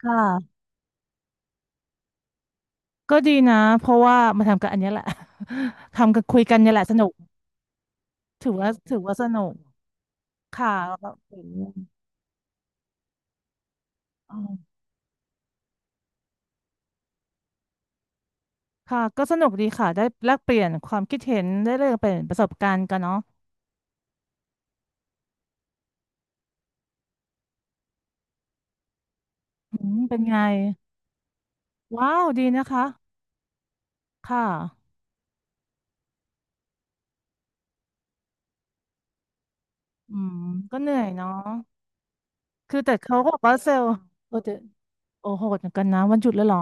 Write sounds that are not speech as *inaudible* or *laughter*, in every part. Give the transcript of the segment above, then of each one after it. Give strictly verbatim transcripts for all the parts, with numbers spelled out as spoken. ค่ะก็ดีนะเพราะว่ามาทำกันอันเนี้ยแหละ *laughs* ทำกันคุยกันเนี่ยแหละสนุกถือว่าถือว่าสนุกค่ะแล้วก็เห็่อ๋อค่ะก็สนุกดีค่ะได้แลกเปลี่ยนความคิดเห็นได้แลกเปลี่ยนประสบการณ์กันเนาะอืมเป็นไงว้าวดีนะคะค่ะอืมก็เหนื่อยเนาะคือแต่เขาก็บอกว่าเซลล์โอ้แต่โอ้โหดเหมือนกันนะวันหยุดแล้วเหรอ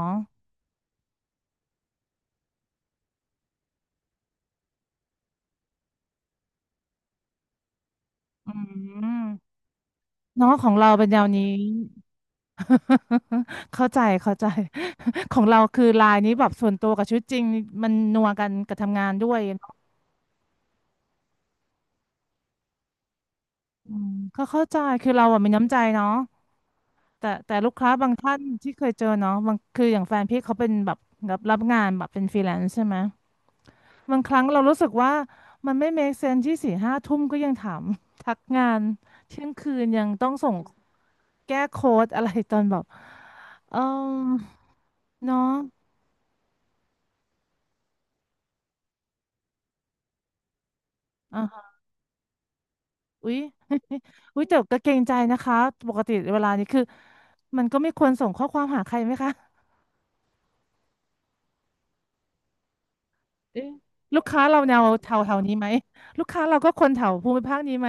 อืมเนาะของเราเป็นแนวนี้ *laughs* เข้าใจเข้าใจ *laughs* ของเราคือไลน์นี้แบบส่วนตัวกับชีวิตจริงมันนัวกันกับทำงานด้วยเนาะอืมก็เข้าใจคือเราอะมีน้ำใจเนาะแต่แต่ลูกค้าบางท่านที่เคยเจอเนาะบางคืออย่างแฟนพี่เขาเป็นแบบรับรับงานแบบเป็นฟรีแลนซ์ใช่ไหมบางครั้งเรารู้สึกว่ามันไม่ make sense ที่สี่ห้าทุ่มก็ยังถาม *laughs* ทักงานเที่ยงคืนยังต้องส่งแก้โค้ดอะไรตอนแบบเออเนาะอ่าฮะอุ๊ย อุ้ยแต่ก็เกรงใจนะคะปกติเวลานี้คือมันก็ไม่ควรส่งข้อความหาใครไหมคะเอ๊ะลูกค้าเราแนวแถวแถวนี้ไหมลูกค้าเราก็คนแถวภูมิภาคนี้ไหม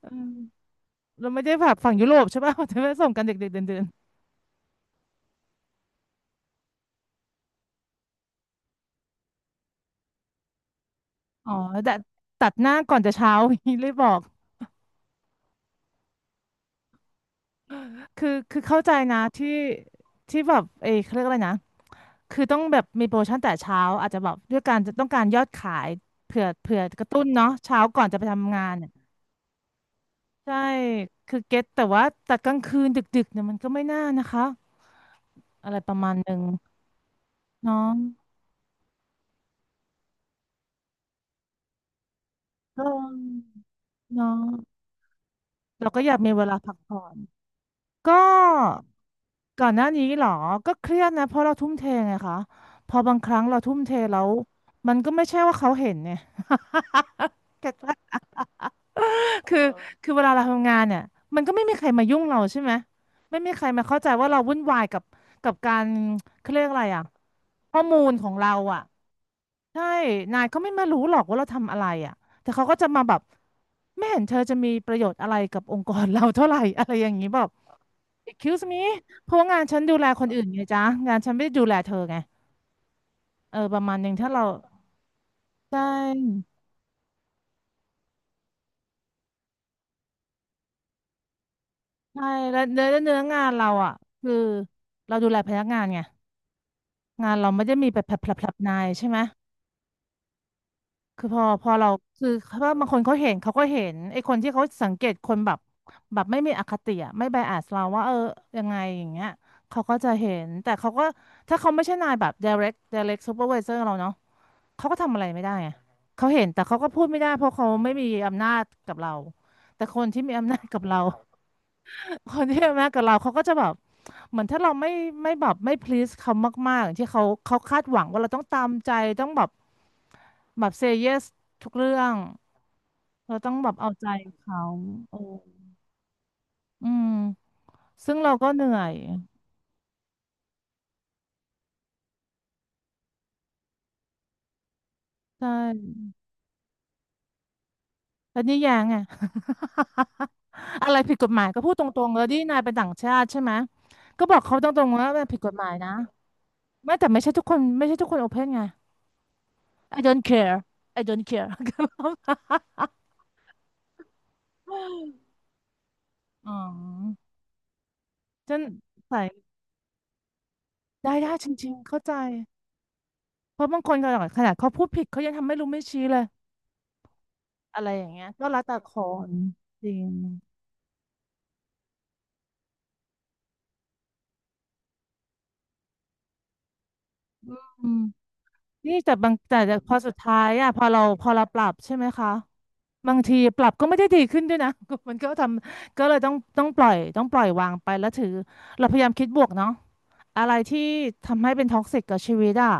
เออเราไม่ได้แบบฝั่งยุโรปใช่ป่ะ *laughs* เราจะไม่ส่งกันเด็กๆเดินๆอ๋อแต่ตัดหน้าก่อนจะเช้าอย่างนี้เลยบอกคือคือเข้าใจนะที่ที่แบบเอยเขาเรียกอะไรนะคือต้องแบบมีโปรโมชั่นแต่เช้าอาจจะแบบด้วยการจะต้องการยอดขายเผื่อเผื่อกระตุ้นเนาะเช้าก่อนจะไปทำงาน ใช่คือเก็ตแต่ว่าแต่กลางคืนดึกๆเนี่ยมันก็ไม่น่านะคะอะไรประมาณหนึ่งเนาะก็เนาะเราก็อยากมีเวลาพักผ่อนก็ก่อนหน้านี้เหรอก็เครียดนะเพราะเราทุ่มเทไงคะพอบางครั้งเราทุ่มเทแล้วมันก็ไม่ใช่ว่าเขาเห็นเนี่ยเก็ตปะ *laughs* คือเออคือเวลาเราทำงานเนี่ยมันก็ไม่มีใครมายุ่งเราใช่ไหมไม่มีใครมาเข้าใจว่าเราวุ่นวายกับกับการเขาเรียกอะไรอ่ะข้อมูลของเราอ่ะ ใช่นายเขาไม่มารู้หรอกว่าเราทำอะไรอ่ะแต่เขาก็จะมาแบบไม่เห็นเธอจะมีประโยชน์อะไรกับองค์กรเราเท่าไหร่ *laughs* อะไรอย่างนี้แบบ excuse me เพราะว่างานฉันดูแลคนอื่นไงจ๊ะงานฉันไม่ได้ดูแลเธอไงเออประมาณหนึ่งถ้าเราใช่ใช่แล้วเนื้อเนื้องานเราอ่ะคือเราดูแลพนักงานไงงานเราไม่ได้มีแบบแผลบๆนายใช่ไหม คือพอพอเราคือเพราะว่าบางคนเขาเห็นเขาก็เห็นไอ้คนที่เขาสังเกตคนแบบแบบไม่มีอคติอะไม่ไบแอสเราว่าเออยังไงอย่างเงี้ยเขาก็จะเห็นแต่เขาก็ถ้าเขาไม่ใช่นายแบบ direct direct supervisor เราเนาะเขาก็ทำอะไรไม่ได้ไงเขาเห็นแต่เขาก็พูดไม่ได้เพราะเขาไม่มีอำนาจกับเราแต่คนที่มีอำนาจกับเรา คนที่เป็นแม่กับเราเขาก็จะแบบเหมือนถ้าเราไม่ไม่แบบไม่ please เขามากๆอย่างที่เขาเขาคาดหวังว่าเราต้องตามใจต้องแบบแบบ say yes ทุกเรื่องเราต้องแบบเอาใจเขาโอ้อืมซึ่งเราก็เหนื่อยใช่แล้วนี่ยังไง *laughs* อะไรผิดกฎหมายก็พูดตรงๆเลยนี่นายเป็นต่างชาติใช่ไหมก็บอกเขาตรงๆว่ามันผิดกฎหมายนะไม่แต่ไม่ใช่ทุกคนไม่ใช่ทุกคนโอเพนไง I don't care I don't care *laughs* อ๋อฉันใส่ได้ได้จริงๆเข้าใจเพราะบางคนขนาดขนาดเขาพูดผิดเขายังทำไม่รู้ไม่ชี้เลยอะไรอย่างเงี้ยก็แล้วแต่คนจริงอืมนี่แต่บางแต่พอสุดท้ายอ่ะพอเราพอเราปรับใช่ไหมคะบางทีปรับก็ไม่ได้ดีขึ้นด้วยนะ *laughs* มันก็ทำก็เลยต้องต้องปล่อยต้องปล่อยวางไปแล้วถือเราพยายามคิดบวกเนาะอะไรที่ทำให้เป็นท็อกซิกกับชีวิตอ่ะ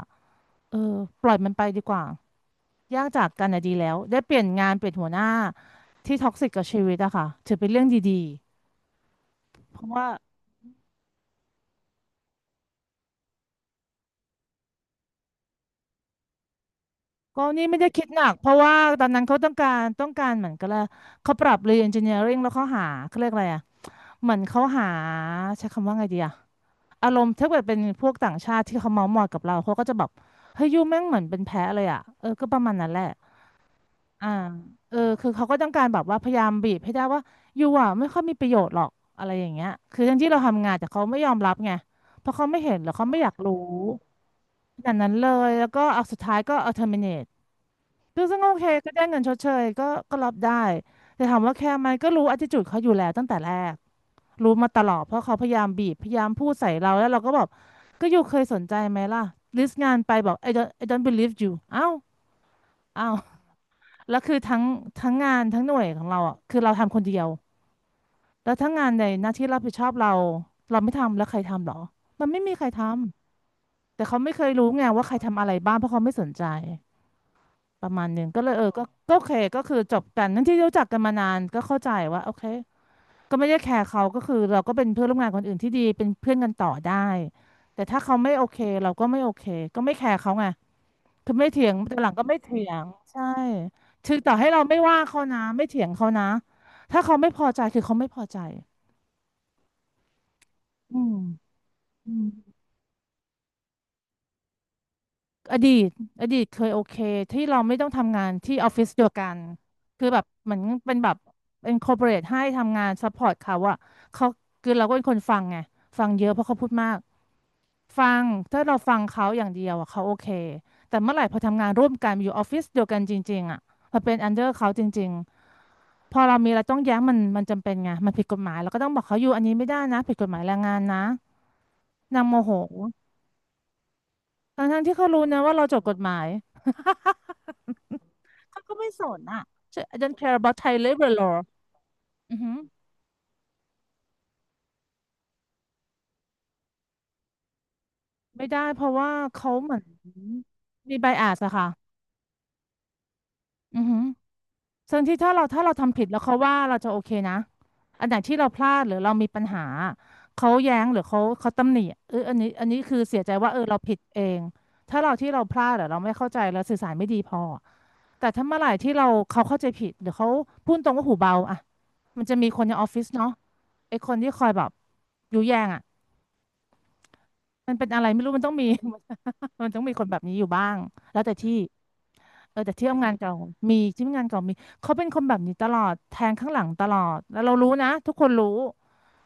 เออปล่อยมันไปดีกว่า แยกจากกันอะดีแล้วได้เปลี่ยนงานเปลี่ยนหัวหน้าที่ท็อกซิกกับชีวิตอะค่ะถือเป็นเรื่องดีๆเพราะว่าก็นี่ไม่ได้คิดหนักเพราะว่าตอนนั้นเขาต้องการต้องการเหมือนกันละเขาปรับเรียน engineering แล้วเขาหาเขาเรียกอะไรอะเหมือนเขาหาใช้คำว่าไงดีอะอารมณ์ถ้าเกิดเป็นพวกต่างชาติที่เขาเมาท์มอยกับเราเขาก็จะแบบเฮ้ยยูแม่งเหมือนเป็นแพ้เลยอะเออก็ประมาณนั้นแหละ อ่าเออคือเขาก็ต้องการแบบว่าพยายามบีบให้ได้ว่ายูอ่ะไม่ค่อยมีประโยชน์หรอกอะไรอย่างเงี้ยคือทั้งที่เราทำงานแต่เขาไม่ยอมรับไงเพราะเขาไม่เห็นหรือเขาไม่อยากรู้อย่างนั้นเลยแล้วก็เอาสุดท้ายก็เอา terminate ซึซึ่งโอเคก็ได้เงินชดเชยก็ก็รับได้แต่ถามว่าแคร์ไหมก็รู้ attitude เขาอยู่แล้วตั้งแต่แรกรู้มาตลอดเพราะเขาพยายามบีบพยายามพูดใส่เราแล้วเราก็แบบก็ยูเคยสนใจไหมล่ะลิสต์งานไปบอก I don't I don't believe you เอ้าเอ้า แล้วคือทั้งทั้งงานทั้งหน่วยของเราอ่ะคือเราทำคนเดียวแล้วทั้งงานในหน้าที่รับผิดชอบเราเราไม่ทำแล้วใครทำหรอมันไม่มีใครทำแต่เขาไม่เคยรู้ไงว่าใครทำอะไรบ้างเพราะเขาไม่สนใจประมาณหนึ่งก็เลยเออก็ก็โอเคก็คือจบกันทั้งที่รู้จักกันมานานก็เข้าใจว่าโอเคก็ไม่ได้แคร์เขาก็คือเราก็เป็นเพื่อนร่วมงานคนอื่นที่ดีเป็นเพื่อนกันต่อได้แต่ถ้าเขาไม่โอเคเราก็ไม่โอเคก็ไม่แคร์เขาไง คือไม่เถียงแต่หลังก็ไม่เถียงใช่ถึงต่อให้เราไม่ว่าเขานะไม่เถียงเขานะถ้าเขาไม่พอใจคือเขาไม่พอใจอืมอืม อดีตอดีตเคยโอเคที่เราไม่ต้องทำงานที่ออฟฟิศเดียวกันคือแบบเหมือนเป็นแบบเป็นคอร์ปอเรทให้ทำงานซัพพอร์ตเขาอะเขาคือเราก็เป็นคนฟังไงฟังเยอะเพราะเขาพูดมากฟังถ้าเราฟังเขาอย่างเดียวอะเขาโอเคแต่เมื่อไหร่พอทำงานร่วมกันอยู่ออฟฟิศเดียวกันจริงๆอะพอเป็นอันเดอร์เขาจริงๆพอเรามีอะไรต้องแย้งมันมันจำเป็นไงมันผิดกฎหมายเราก็ต้องบอกเขาอยู่อันนี้ไม่ได้นะผิดกฎหมายแรงงานนะนางโมโห ทั้งทั้งที่เขารู้นะว่าเราจบกฎหมาย *laughs* เขาก็ไม่สนอ่ะ I don't care about Thai labor law อือหือไม่ได้เพราะว่าเขาเหมือนมี bias อะค่ะอือหือ ส่วนที่ถ้าเราถ้าเราทำผิดแล้วเขาว่าเราจะโอเคนะอันไหนที่เราพลาดหรือเรามีปัญหาเขาแย้งหรือเขาเขาตำหนิเอออันนี้อันนี้คือเสียใจว่าเออเราผิดเองถ้าเราที่เราพลาดหรือเราไม่เข้าใจเราสื่อสารไม่ดีพอแต่ถ้าเมื่อไหร่ที่เราเขาเข้าใจผิดหรือเขาพูดตรงว่าหูเบาอะมันจะมีคนในออฟฟิศเนาะไอคนที่คอยแบบยุแยงอะมันเป็นอะไรไม่รู้มันต้องมี *laughs* มันต้องมีคนแบบนี้อยู่บ้างแล้วแต่ที่เออแต่ที่ทำงานเก่ามีที่ทำงานเก่ามีเขาเป็นคนแบบนี้ตลอดแทงข้างหลังตลอดแล้วเรารู้นะทุกคนรู้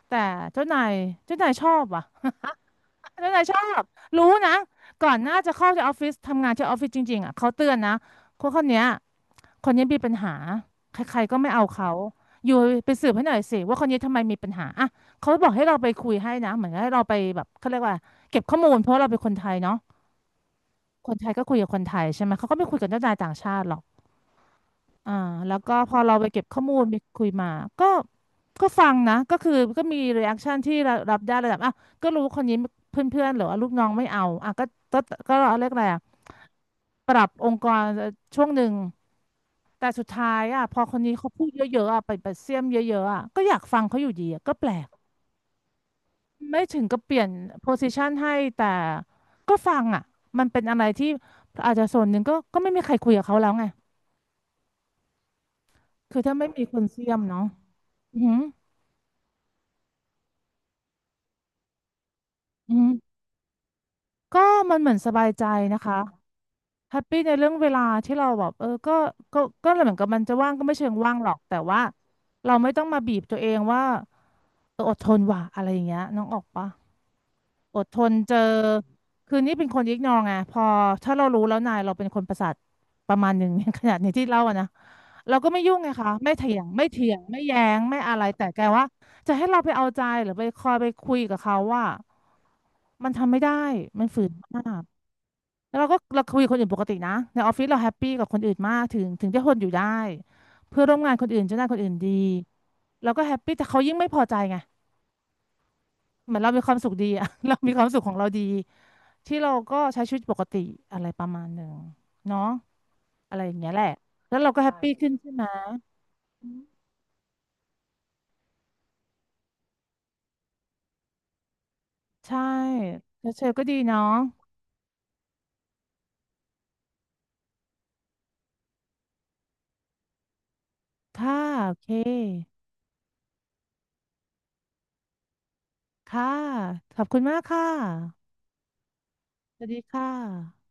แต่เจ้านายเจ้านายชอบว่ะ *laughs* เจ้านายชอบรู้นะก่อนหน้าจะเข้าที่ออฟฟิศทำงานที่ออฟฟิศจริงๆอ่ะเขาเตือนนะคนคนเนี้ยคนนี้มีปัญหาใครๆก็ไม่เอาเขาอยู่ไปสืบให้หน่อยสิว่าคนนี้ทำไมมีปัญหาอ่ะเขาบอกให้เราไปคุยให้นะเหมือนให้เราไปแบบเขาเรียกว่าเก็บข้อมูลเพราะเราเป็นคนไทยเนาะ คนไทยก็คุยกับคนไทยใช่ไหมเขาก็ไม่คุยกับเจ้านายต่างชาติหรอกอ่าแล้วก็พอเราไปเก็บข้อมูลไปคุยมาก็ก็ฟังนะก็คือก็มีรีแอคชั่นที่รับรับได้ระดับอ่ะก็รู้คนนี้เพื่อนๆหรือว่าลูกน้องไม่เอาอ่ะก็ก็ก็เรียกอะไรอ่ะปรับองค์กรช่วงหนึ่งแต่สุดท้ายอ่ะพอคนนี้เขาพูดเยอะๆอ่ะไปไปเสียมเยอะๆอ่ะก็อยากฟังเขาอยู่ดีอ่ะก็แปลกไม่ถึงกับเปลี่ยนโพสิชันให้แต่ก็ฟังอ่ะมันเป็นอะไรที่อาจจะส่วนหนึ่งก็ก็ไม่มีใครคุยกับเขาแล้วไง คือถ้าไม่มีคนเสียมเนาะอือหืออือหือก็มันเหมือนสบายใจนะคะแฮปปี้ในเรื่องเวลาที่เราแบบเออก็ก็ก็เหมือนกับมันจะว่างก็ไม่เชิงว่างหรอก แต่ว่าเราไม่ต้องมาบีบตัวเองว่าเอออดทนว่ะอะไรอย่างเงี้ยน้องออกปะ อดทนเจอคือนี่เป็นคนยิกนองไงพอถ้าเรารู้แล้วนายเราเป็นคนประสาทประมาณหนึ่ง *laughs* ขนาดนี้ที่เล่าอะนะเราก็ไม่ยุ่งไงคะไม่เถียงไม่เถียงไม่แย้งไม่อะไรแต่แกว่าจะให้เราไปเอาใจหรือไปคอยไปคุยกับเขาว่ามันทำไม่ได้มันฝืนมากแล้วเราก็เราคุยกับคนอื่นปกตินะในออฟฟิศเราแฮปปี้กับคนอื่นมากถึงถึงจะทนอยู่ได้เพื่อนร่วมงานคนอื่นเจ้านายคนอื่นดีเราก็แฮปปี้แต่เขายิ่งไม่พอใจไง เหมือนเรามีความสุขดีอะ *laughs* เรามีความสุขของเราดีที่เราก็ใช้ชีวิตปกติอะไรประมาณหนึ่งเนาะอะไรอย่างเงี้ยแหละ แล้วเราก็แฮปใช่ปปี้ขึ้นใช่ไหมใช่แล้วเชลก็ดีเนาะค่ะโอเคค่ะขอบคุณมากค่ะสวัสดีค่ะ